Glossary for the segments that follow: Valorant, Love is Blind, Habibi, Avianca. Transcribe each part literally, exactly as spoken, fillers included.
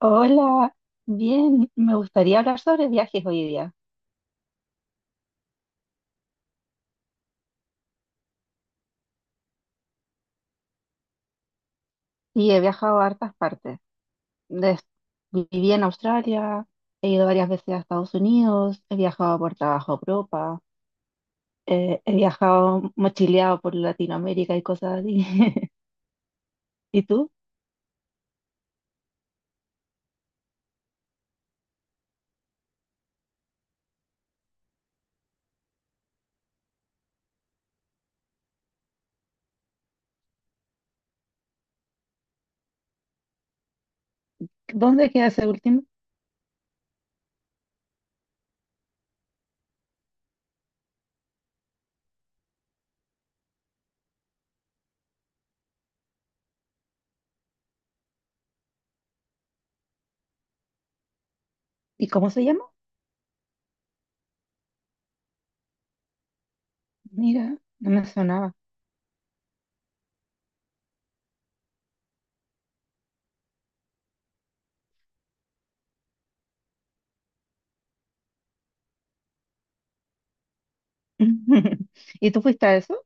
Hola, bien, me gustaría hablar sobre viajes hoy día. Sí, he viajado a hartas partes. Des- viví en Australia, he ido varias veces a Estados Unidos, he viajado por trabajo a Europa, eh, he viajado mochileado por Latinoamérica y cosas así. ¿Y tú? ¿Dónde queda ese último? ¿Y cómo se llama? Mira, no me sonaba. ¿Y tú fuiste a eso?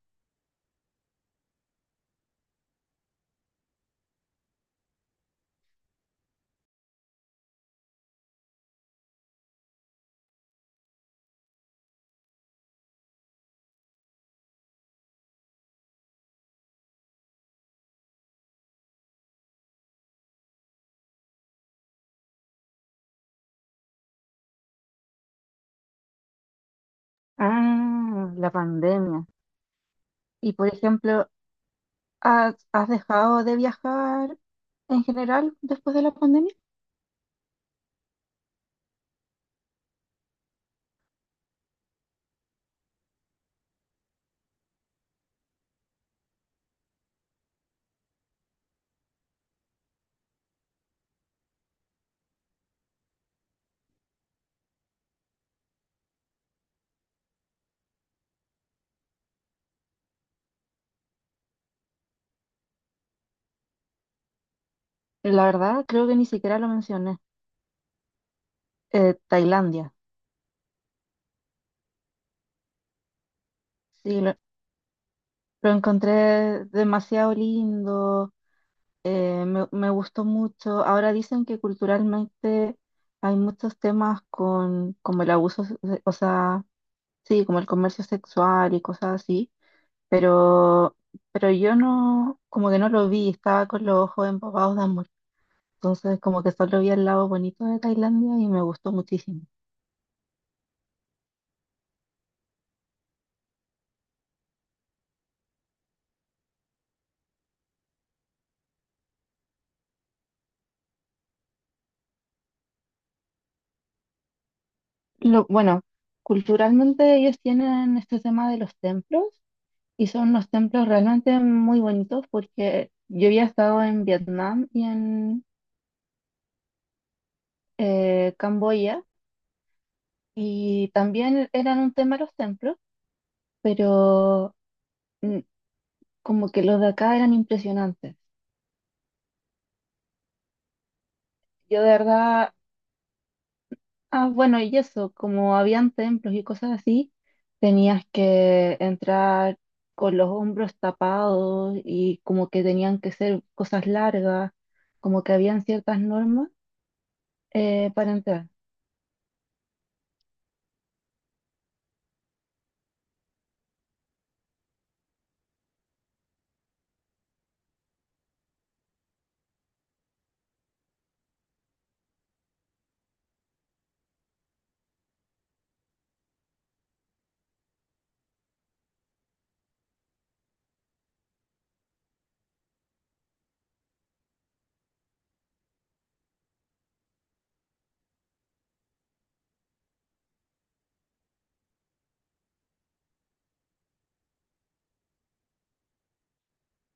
Ah, la pandemia. Y por ejemplo, ¿Has, has dejado de viajar en general después de la pandemia? La verdad, creo que ni siquiera lo mencioné. Eh, Tailandia. Sí, lo, lo encontré demasiado lindo, eh, me, me gustó mucho. Ahora dicen que culturalmente hay muchos temas con como el abuso, se- o sea, sí, como el comercio sexual y cosas así, pero, pero yo no, como que no lo vi, estaba con los ojos embobados de amor. Entonces, como que solo vi el lado bonito de Tailandia y me gustó muchísimo. Lo, bueno, culturalmente ellos tienen este tema de los templos y son unos templos realmente muy bonitos porque yo había estado en Vietnam y en eh, Camboya y también eran un tema los templos, pero mm, como que los de acá eran impresionantes. Yo de verdad. Ah, bueno, y eso, como habían templos y cosas así, tenías que entrar con los hombros tapados y como que tenían que ser cosas largas, como que habían ciertas normas eh, para entrar.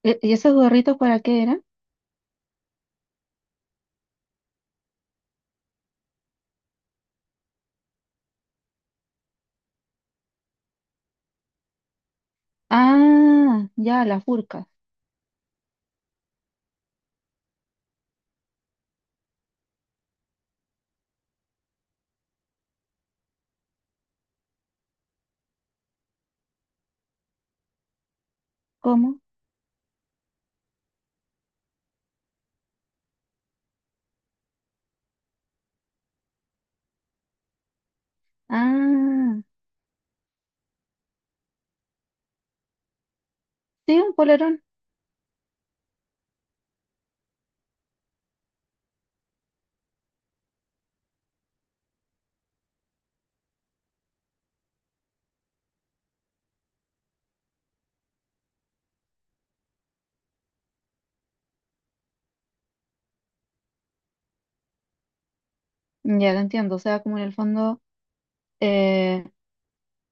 E- ¿Y esos gorritos para qué eran? Ah, ya, las burcas. ¿Cómo? Ah, sí, un polerón. Ya te entiendo, o sea, como en el fondo eh,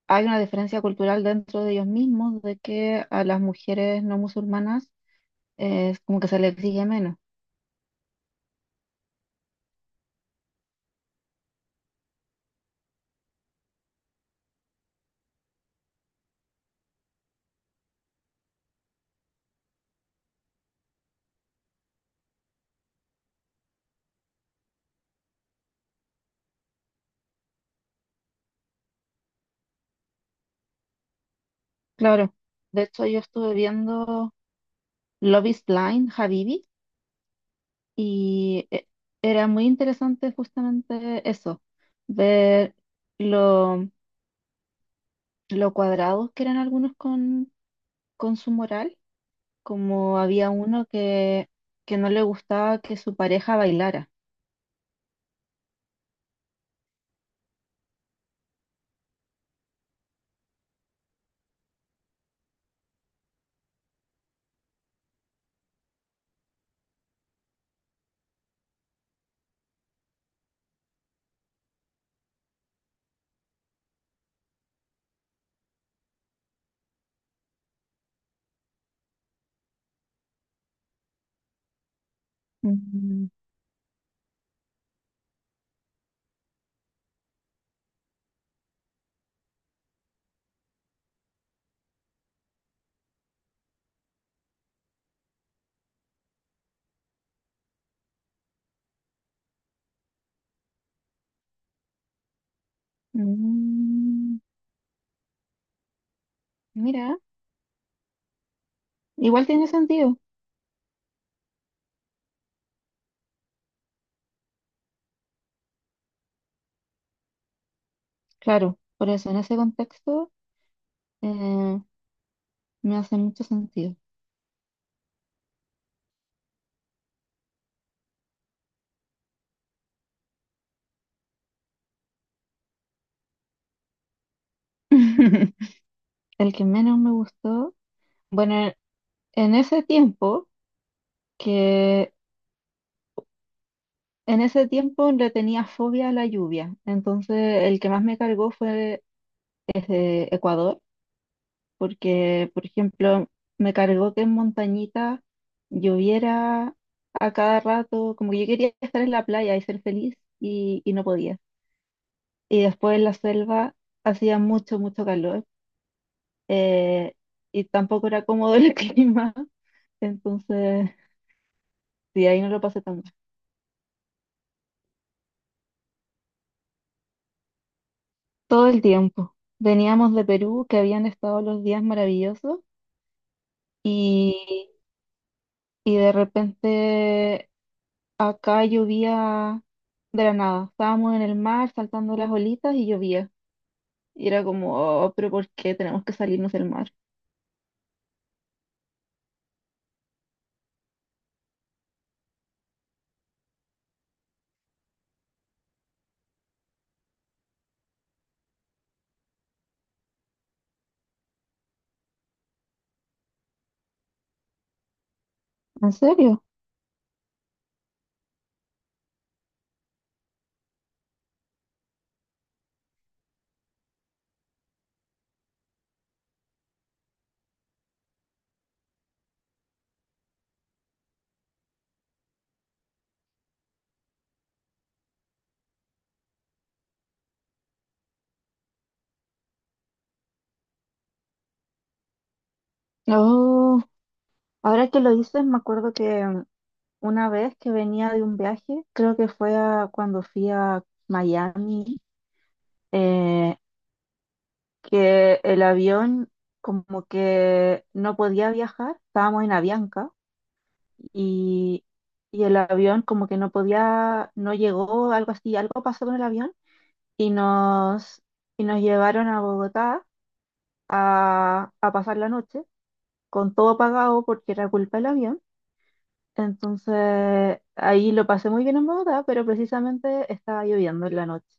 hay una diferencia cultural dentro de ellos mismos de que a las mujeres no musulmanas es como que se le exige menos. Claro, de hecho yo estuve viendo Love is Blind, Habibi, y e- era muy interesante justamente eso, ver lo, lo cuadrados que eran algunos con, con su moral, como había uno que, que no le gustaba que su pareja bailara. Mm, mm, mira, igual tiene sentido, claro, por eso en ese contexto, eh, me hace mucho sentido. El que menos me gustó, bueno, e, en ese tiempo, que en ese tiempo le tenía fobia a la lluvia, entonces el que más me cargó fue ese Ecuador, porque, por ejemplo, me cargó que en montañita lloviera a cada rato, como que yo quería estar en la playa y ser feliz y, y no podía. Y después en la selva hacía mucho, mucho calor, eh, y tampoco era cómodo el clima, entonces, sí, ahí no lo pasé tan. Todo el tiempo. Veníamos de Perú, que habían estado los días maravillosos, y, y de repente acá llovía de la nada. Estábamos en el mar saltando las olitas y llovía. Y era como, oh, pero ¿por qué tenemos que salirnos del mar? ¿En serio? Oh, ahora que lo dices, me acuerdo que mm, una vez que venía de un viaje, creo que fue a- cuando fui a Miami. eh, que el avión como que no podía viajar, estábamos en Avianca y, y el avión como que no podía, no llegó, algo así, algo pasó con el avión y nos, y nos llevaron a Bogotá a, a pasar la noche con todo pagado porque era culpa del avión. Entonces ahí lo pasé muy bien en Bogotá, pero precisamente estaba lloviendo en la noche.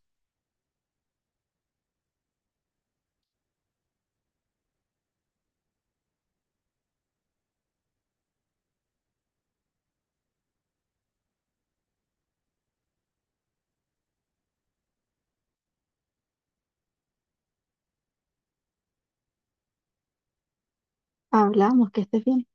Hablamos, que estés bien.